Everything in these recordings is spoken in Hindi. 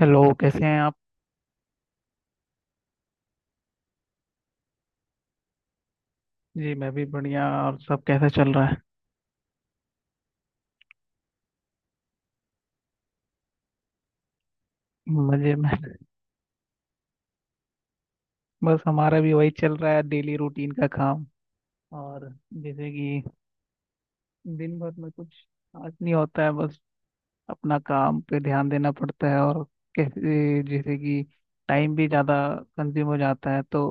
हेलो, कैसे हैं आप? जी मैं भी बढ़िया। और सब कैसा चल रहा है? मजे में। बस हमारा भी वही चल रहा है, डेली रूटीन का काम। और जैसे कि दिन भर में कुछ खास नहीं होता है, बस अपना काम पे ध्यान देना पड़ता है। और कैसे जैसे कि टाइम भी ज़्यादा कंज्यूम हो जाता है, तो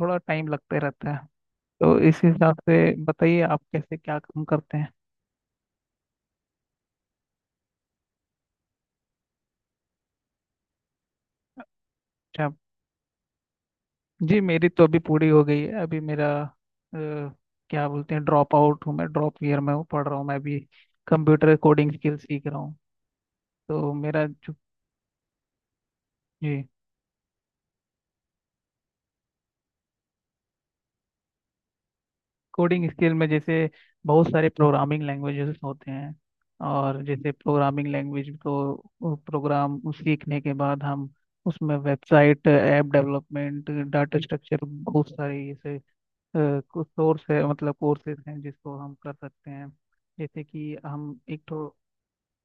थोड़ा टाइम लगते रहता है। तो इस हिसाब से बताइए, आप कैसे क्या काम करते हैं? अच्छा, जी मेरी तो अभी पूरी हो गई है। अभी मेरा क्या बोलते हैं, ड्रॉप आउट हूँ, मैं ड्रॉप ईयर में हूँ, पढ़ रहा हूँ मैं अभी। कंप्यूटर कोडिंग स्किल सीख रहा हूँ। तो मेरा जो, जी। कोडिंग स्किल में जैसे बहुत सारे प्रोग्रामिंग लैंग्वेजेस होते हैं। और जैसे प्रोग्रामिंग लैंग्वेज को प्रोग्राम सीखने के बाद हम उसमें website, app development, data structure, बहुत सारे ऐसे सोर्स है मतलब कोर्सेज हैं जिसको हम कर सकते हैं। जैसे कि हम एक तो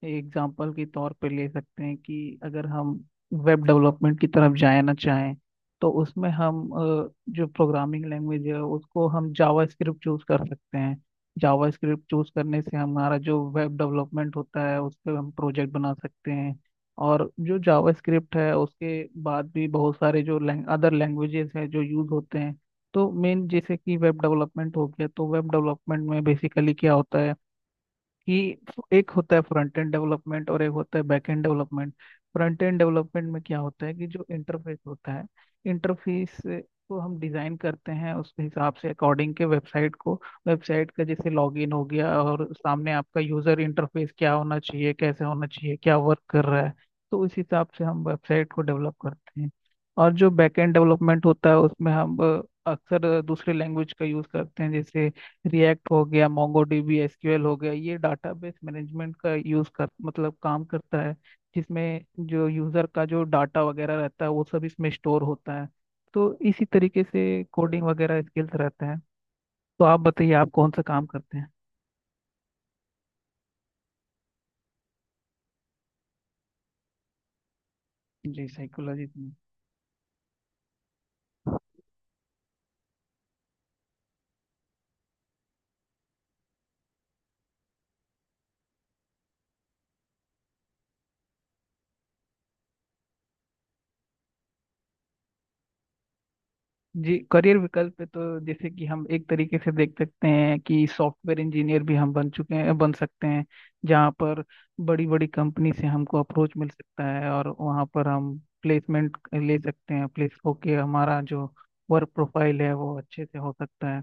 एग्जाम्पल के तौर पे ले सकते हैं कि अगर हम वेब डेवलपमेंट की तरफ जाए ना चाहें, तो उसमें हम जो प्रोग्रामिंग लैंग्वेज है उसको हम जावा स्क्रिप्ट चूज कर सकते हैं। जावा स्क्रिप्ट चूज करने से हमारा जो वेब डेवलपमेंट होता है उस पर हम प्रोजेक्ट बना सकते हैं। और जो जावा स्क्रिप्ट है उसके बाद भी बहुत सारे जो अदर लैंग्वेजेस हैं जो यूज होते हैं। तो मेन जैसे कि वेब डेवलपमेंट हो गया, तो वेब डेवलपमेंट में बेसिकली क्या होता है कि एक होता है फ्रंट एंड डेवलपमेंट और एक होता है back end development. Front end development में क्या होता है कि जो इंटरफेस होता है, इंटरफेस को हम डिजाइन करते हैं उसके हिसाब से, अकॉर्डिंग के वेबसाइट को। वेबसाइट का जैसे लॉगिन हो गया और सामने आपका यूजर इंटरफेस क्या होना चाहिए, कैसे होना चाहिए, क्या वर्क कर रहा है, तो उस हिसाब से हम वेबसाइट को डेवलप करते हैं। और जो बैक एंड डेवलपमेंट होता है उसमें हम अक्सर दूसरे लैंग्वेज का यूज करते हैं। जैसे रिएक्ट हो गया, मोंगोडीबी, एसक्यूएल हो गया, ये डाटाबेस मैनेजमेंट का यूज कर मतलब काम करता है, जिसमें जो यूजर का जो डाटा वगैरह रहता है वो सब इसमें स्टोर होता है। तो इसी तरीके से कोडिंग वगैरह स्किल्स रहते हैं। तो आप बताइए, आप कौन सा काम करते हैं? जी साइकोलॉजी। जी करियर विकल्प पे तो जैसे कि हम एक तरीके से देख सकते हैं कि सॉफ्टवेयर इंजीनियर भी हम बन चुके हैं, बन सकते हैं। जहाँ पर बड़ी बड़ी कंपनी से हमको अप्रोच मिल सकता है और वहाँ पर हम प्लेसमेंट ले सकते हैं, प्लेस होके हमारा जो वर्क प्रोफाइल है वो अच्छे से हो सकता है।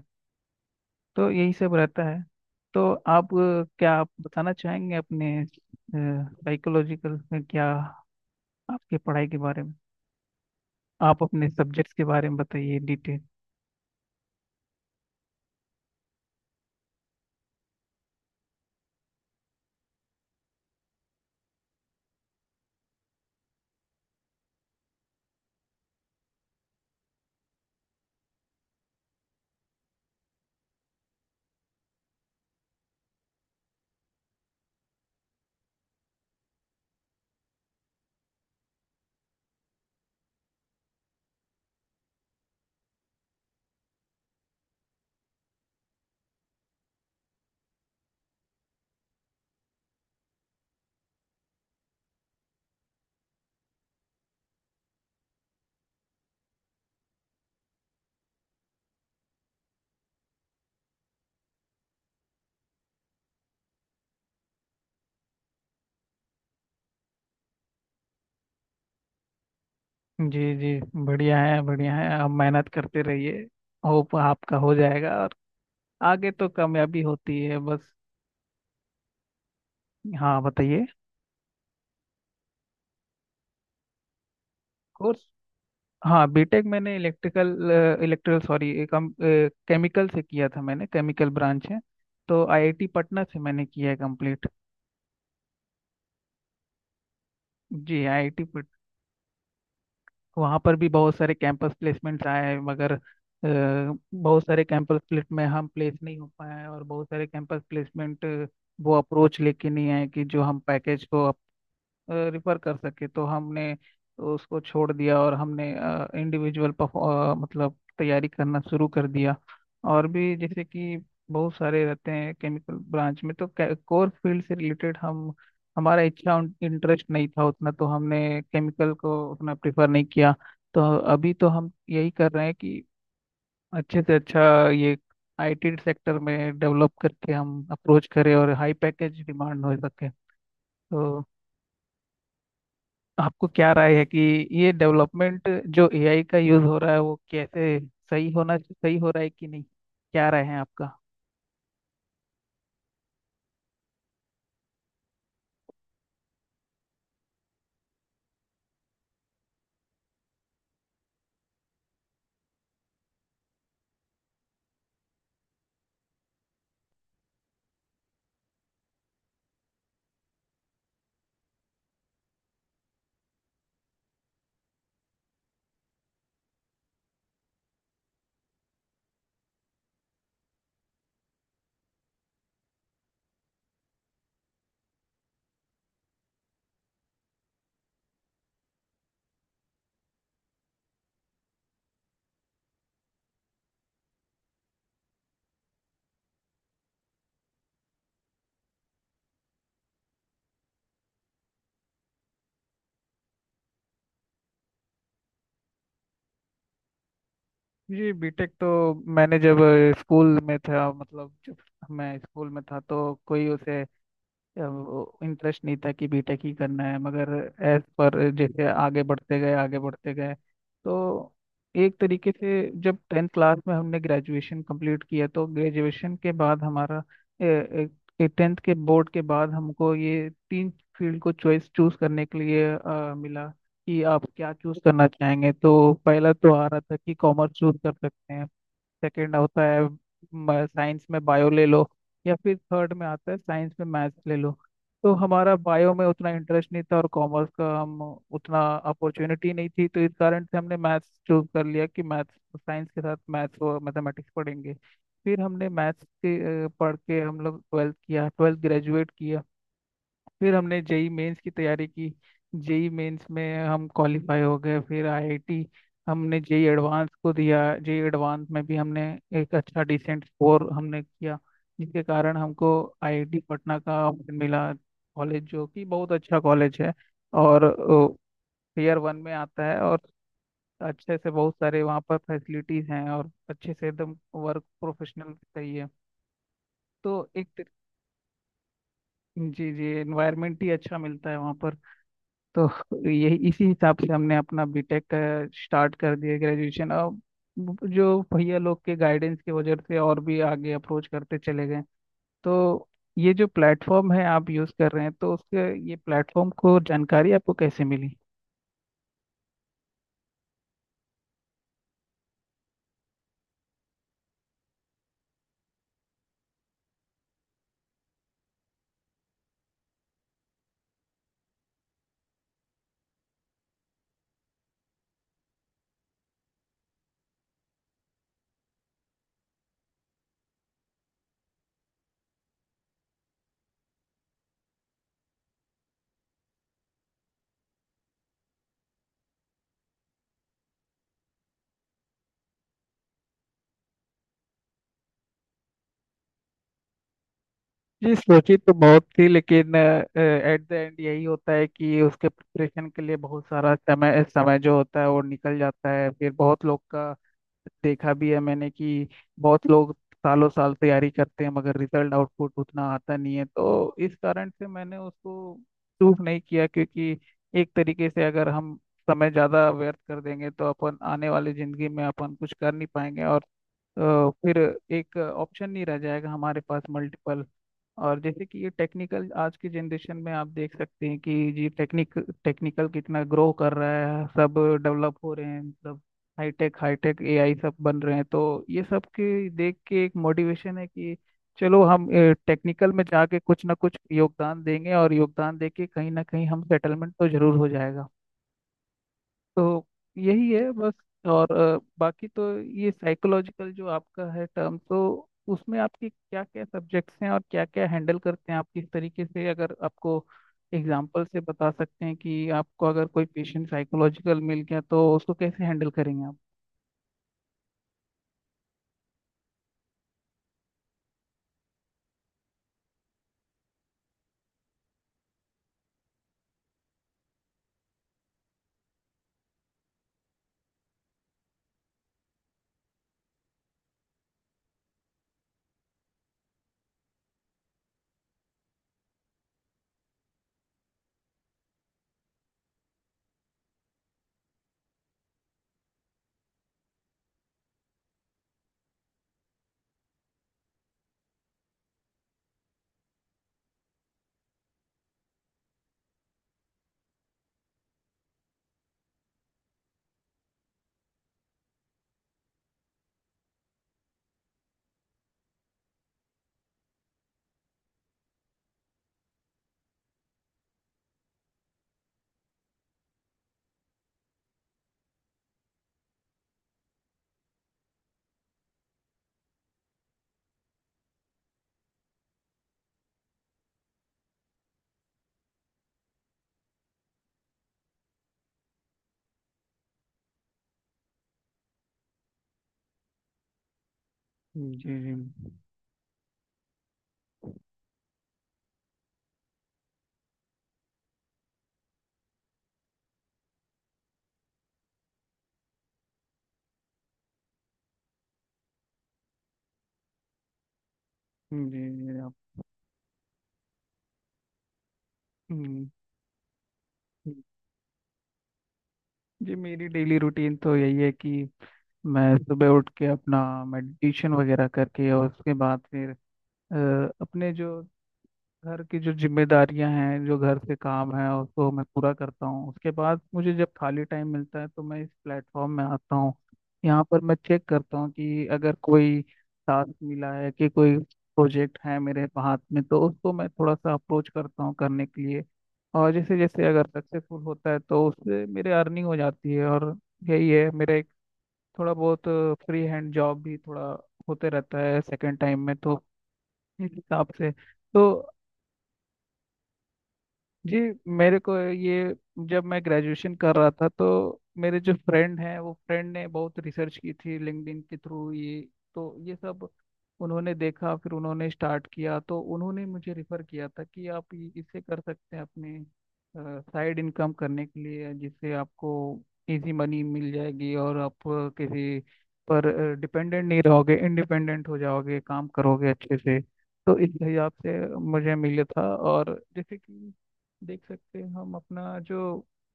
तो यही सब रहता है। तो आप क्या आप बताना चाहेंगे अपने साइकोलॉजिकल में क्या, आपके पढ़ाई के बारे में? आप अपने सब्जेक्ट्स के बारे में बताइए डिटेल। जी जी, बढ़िया है, बढ़िया है। आप मेहनत करते रहिए, होप आपका हो जाएगा और आगे तो कामयाबी होती है बस। हाँ बताइए। कोर्स, हाँ बीटेक मैंने इलेक्ट्रिकल, इलेक्ट्रिकल सॉरी कम केमिकल से किया था मैंने, केमिकल ब्रांच है। तो आईआईटी पटना से मैंने किया है कंप्लीट। जी आईआईटी। वहाँ पर भी बहुत सारे कैंपस प्लेसमेंट्स आए हैं, मगर बहुत सारे कैंपस प्लेसमेंट में हम प्लेस नहीं हो पाए हैं, और बहुत सारे कैंपस प्लेसमेंट वो अप्रोच लेके नहीं आए कि जो हम पैकेज को रिफर कर सके। तो हमने उसको छोड़ दिया और हमने इंडिविजुअल मतलब तैयारी करना शुरू कर दिया। और भी जैसे कि बहुत सारे रहते हैं केमिकल ब्रांच में, तो कोर फील्ड से रिलेटेड हम, हमारा इच्छा इंटरेस्ट नहीं था उतना, तो हमने केमिकल को उतना प्रेफर नहीं किया। तो अभी तो हम यही कर रहे हैं कि अच्छे से अच्छा ये आईटी सेक्टर में डेवलप करके हम अप्रोच करें और हाई पैकेज डिमांड हो सके। तो आपको क्या राय है कि ये डेवलपमेंट, जो एआई का यूज हो रहा है, वो कैसे सही होना, सही हो रहा है कि नहीं, क्या राय है आपका? जी बीटेक तो मैंने जब स्कूल में था, मतलब जब मैं स्कूल में था तो कोई उसे इंटरेस्ट नहीं था कि बीटेक ही करना है। मगर एज पर जैसे आगे बढ़ते गए, आगे बढ़ते गए, तो एक तरीके से जब टेंथ क्लास में हमने ग्रेजुएशन कंप्लीट किया तो ग्रेजुएशन के बाद हमारा, टेंथ के बोर्ड के बाद हमको ये तीन फील्ड को चॉइस चूज करने के लिए मिला कि आप क्या चूज करना चाहेंगे। तो पहला तो आ रहा था कि कॉमर्स चूज कर सकते हैं, सेकंड होता है साइंस में बायो ले लो, या फिर थर्ड में आता है साइंस में मैथ्स ले लो। तो हमारा बायो में उतना इंटरेस्ट नहीं था और कॉमर्स का हम, उतना अपॉर्चुनिटी नहीं थी, तो इस कारण से हमने मैथ्स चूज कर लिया कि मैथ्स, साइंस के साथ मैथ्स और मैथमेटिक्स पढ़ेंगे। फिर हमने मैथ्स के पढ़ के हम लोग ट्वेल्थ किया, ट्वेल्थ ग्रेजुएट किया। फिर हमने जेई मेंस की तैयारी की, जेई मेंस में हम क्वालिफाई हो गए। फिर आईआईटी, हमने जेई एडवांस को दिया, जेई एडवांस में भी हमने एक अच्छा डिसेंट स्कोर हमने किया। जिसके कारण हमको आईआईटी पटना का ऑप्शन मिला, कॉलेज जो कि बहुत अच्छा कॉलेज है और ईयर वन में आता है। और अच्छे से बहुत सारे वहाँ पर फैसिलिटीज हैं और अच्छे से एकदम वर्क प्रोफेशनल सही है। तो एक तर-, जी जी, एनवायरनमेंट ही अच्छा मिलता है वहाँ पर। तो यही, इसी हिसाब से हमने अपना बीटेक का स्टार्ट कर दिया ग्रेजुएशन। अब जो भैया लोग के गाइडेंस की वजह से और भी आगे अप्रोच करते चले गए। तो ये जो प्लेटफॉर्म है आप यूज़ कर रहे हैं, तो उसके ये प्लेटफॉर्म को जानकारी आपको कैसे मिली? जी सोची तो बहुत थी, लेकिन एट द एंड यही होता है कि उसके प्रिपरेशन के लिए बहुत सारा समय, समय जो होता है वो निकल जाता है। फिर बहुत लोग का देखा भी है मैंने कि बहुत लोग सालों साल तैयारी करते हैं मगर रिजल्ट आउटपुट उतना आता नहीं है। तो इस कारण से मैंने उसको चूज नहीं किया, क्योंकि एक तरीके से अगर हम समय ज़्यादा व्यर्थ कर देंगे तो अपन आने वाली ज़िंदगी में अपन कुछ कर नहीं पाएंगे और फिर एक ऑप्शन नहीं रह जाएगा हमारे पास, मल्टीपल। और जैसे कि ये टेक्निकल आज की जनरेशन में आप देख सकते हैं कि जी टेक्निक, टेक्निकल कितना ग्रो कर रहा है, सब डेवलप हो रहे हैं, मतलब हाईटेक, हाईटेक एआई सब बन रहे हैं। तो ये सब के देख के एक मोटिवेशन है कि चलो हम टेक्निकल में जाके कुछ ना कुछ योगदान देंगे और योगदान देके कहीं ना कहीं हम सेटलमेंट तो जरूर हो जाएगा। तो यही है बस। और बाकी तो ये साइकोलॉजिकल जो आपका है टर्म, तो उसमें आपके क्या क्या सब्जेक्ट्स हैं और क्या क्या हैंडल करते हैं आप, किस तरीके से, अगर आपको एग्जाम्पल से बता सकते हैं कि आपको अगर कोई पेशेंट साइकोलॉजिकल मिल गया तो उसको कैसे हैंडल करेंगे आप? जी जी। जी जी। आप। हम्म। हम्म। जी मेरी डेली रूटीन तो यही है कि मैं सुबह उठ के अपना मेडिटेशन वगैरह करके और उसके बाद फिर अ, अपने जो घर की जो जिम्मेदारियां हैं, जो घर के काम हैं, उसको मैं पूरा करता हूँ। उसके बाद मुझे जब खाली टाइम मिलता है तो मैं इस प्लेटफॉर्म में आता हूँ। यहाँ पर मैं चेक करता हूँ कि अगर कोई टास्क मिला है कि कोई प्रोजेक्ट है मेरे हाथ में, तो उसको मैं थोड़ा सा अप्रोच करता हूँ करने के लिए। और जैसे जैसे अगर सक्सेसफुल होता है तो उससे मेरे अर्निंग हो जाती है। और यही है मेरा एक थोड़ा बहुत फ्री हैंड जॉब भी थोड़ा होते रहता है सेकंड टाइम में। तो इस हिसाब से। तो जी मेरे को ये, जब मैं ग्रेजुएशन कर रहा था तो मेरे जो फ्रेंड हैं वो फ्रेंड ने बहुत रिसर्च की थी लिंक्डइन के थ्रू ये। तो ये सब उन्होंने देखा, फिर उन्होंने स्टार्ट किया, तो उन्होंने मुझे रिफ़र किया था कि आप ये- इससे कर सकते हैं अपने साइड इनकम करने के लिए, जिससे आपको इजी मनी मिल जाएगी और आप किसी पर डिपेंडेंट नहीं रहोगे, इंडिपेंडेंट हो जाओगे, काम करोगे अच्छे से। तो इस हिसाब से मुझे मिला था। और जैसे कि देख सकते हैं, हम अपना जो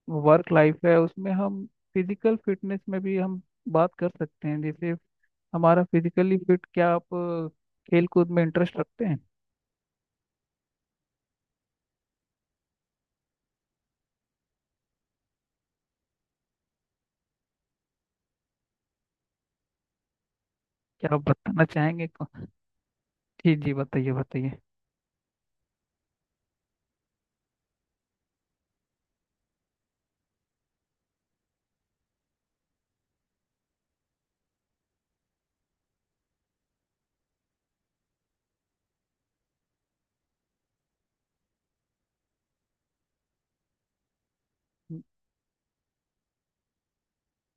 वर्क लाइफ है उसमें हम फिजिकल फिटनेस में भी हम बात कर सकते हैं। जैसे हमारा फिजिकली फिट, क्या आप खेल कूद में इंटरेस्ट रखते हैं? क्या आप बताना चाहेंगे को-, जी जी बताइए बताइए।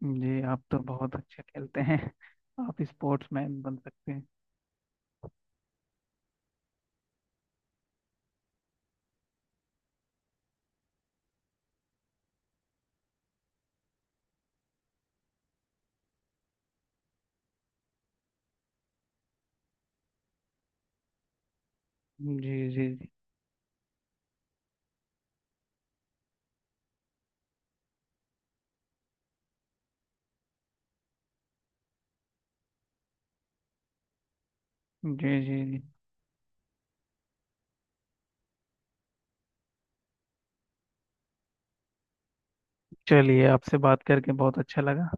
जी आप तो बहुत अच्छा खेलते हैं, आप स्पोर्ट्समैन बन सकते हैं। जी जी जी। जी जी जी। चलिए आपसे बात करके बहुत अच्छा लगा।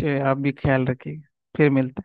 चलिए आप भी ख्याल रखिए। फिर मिलते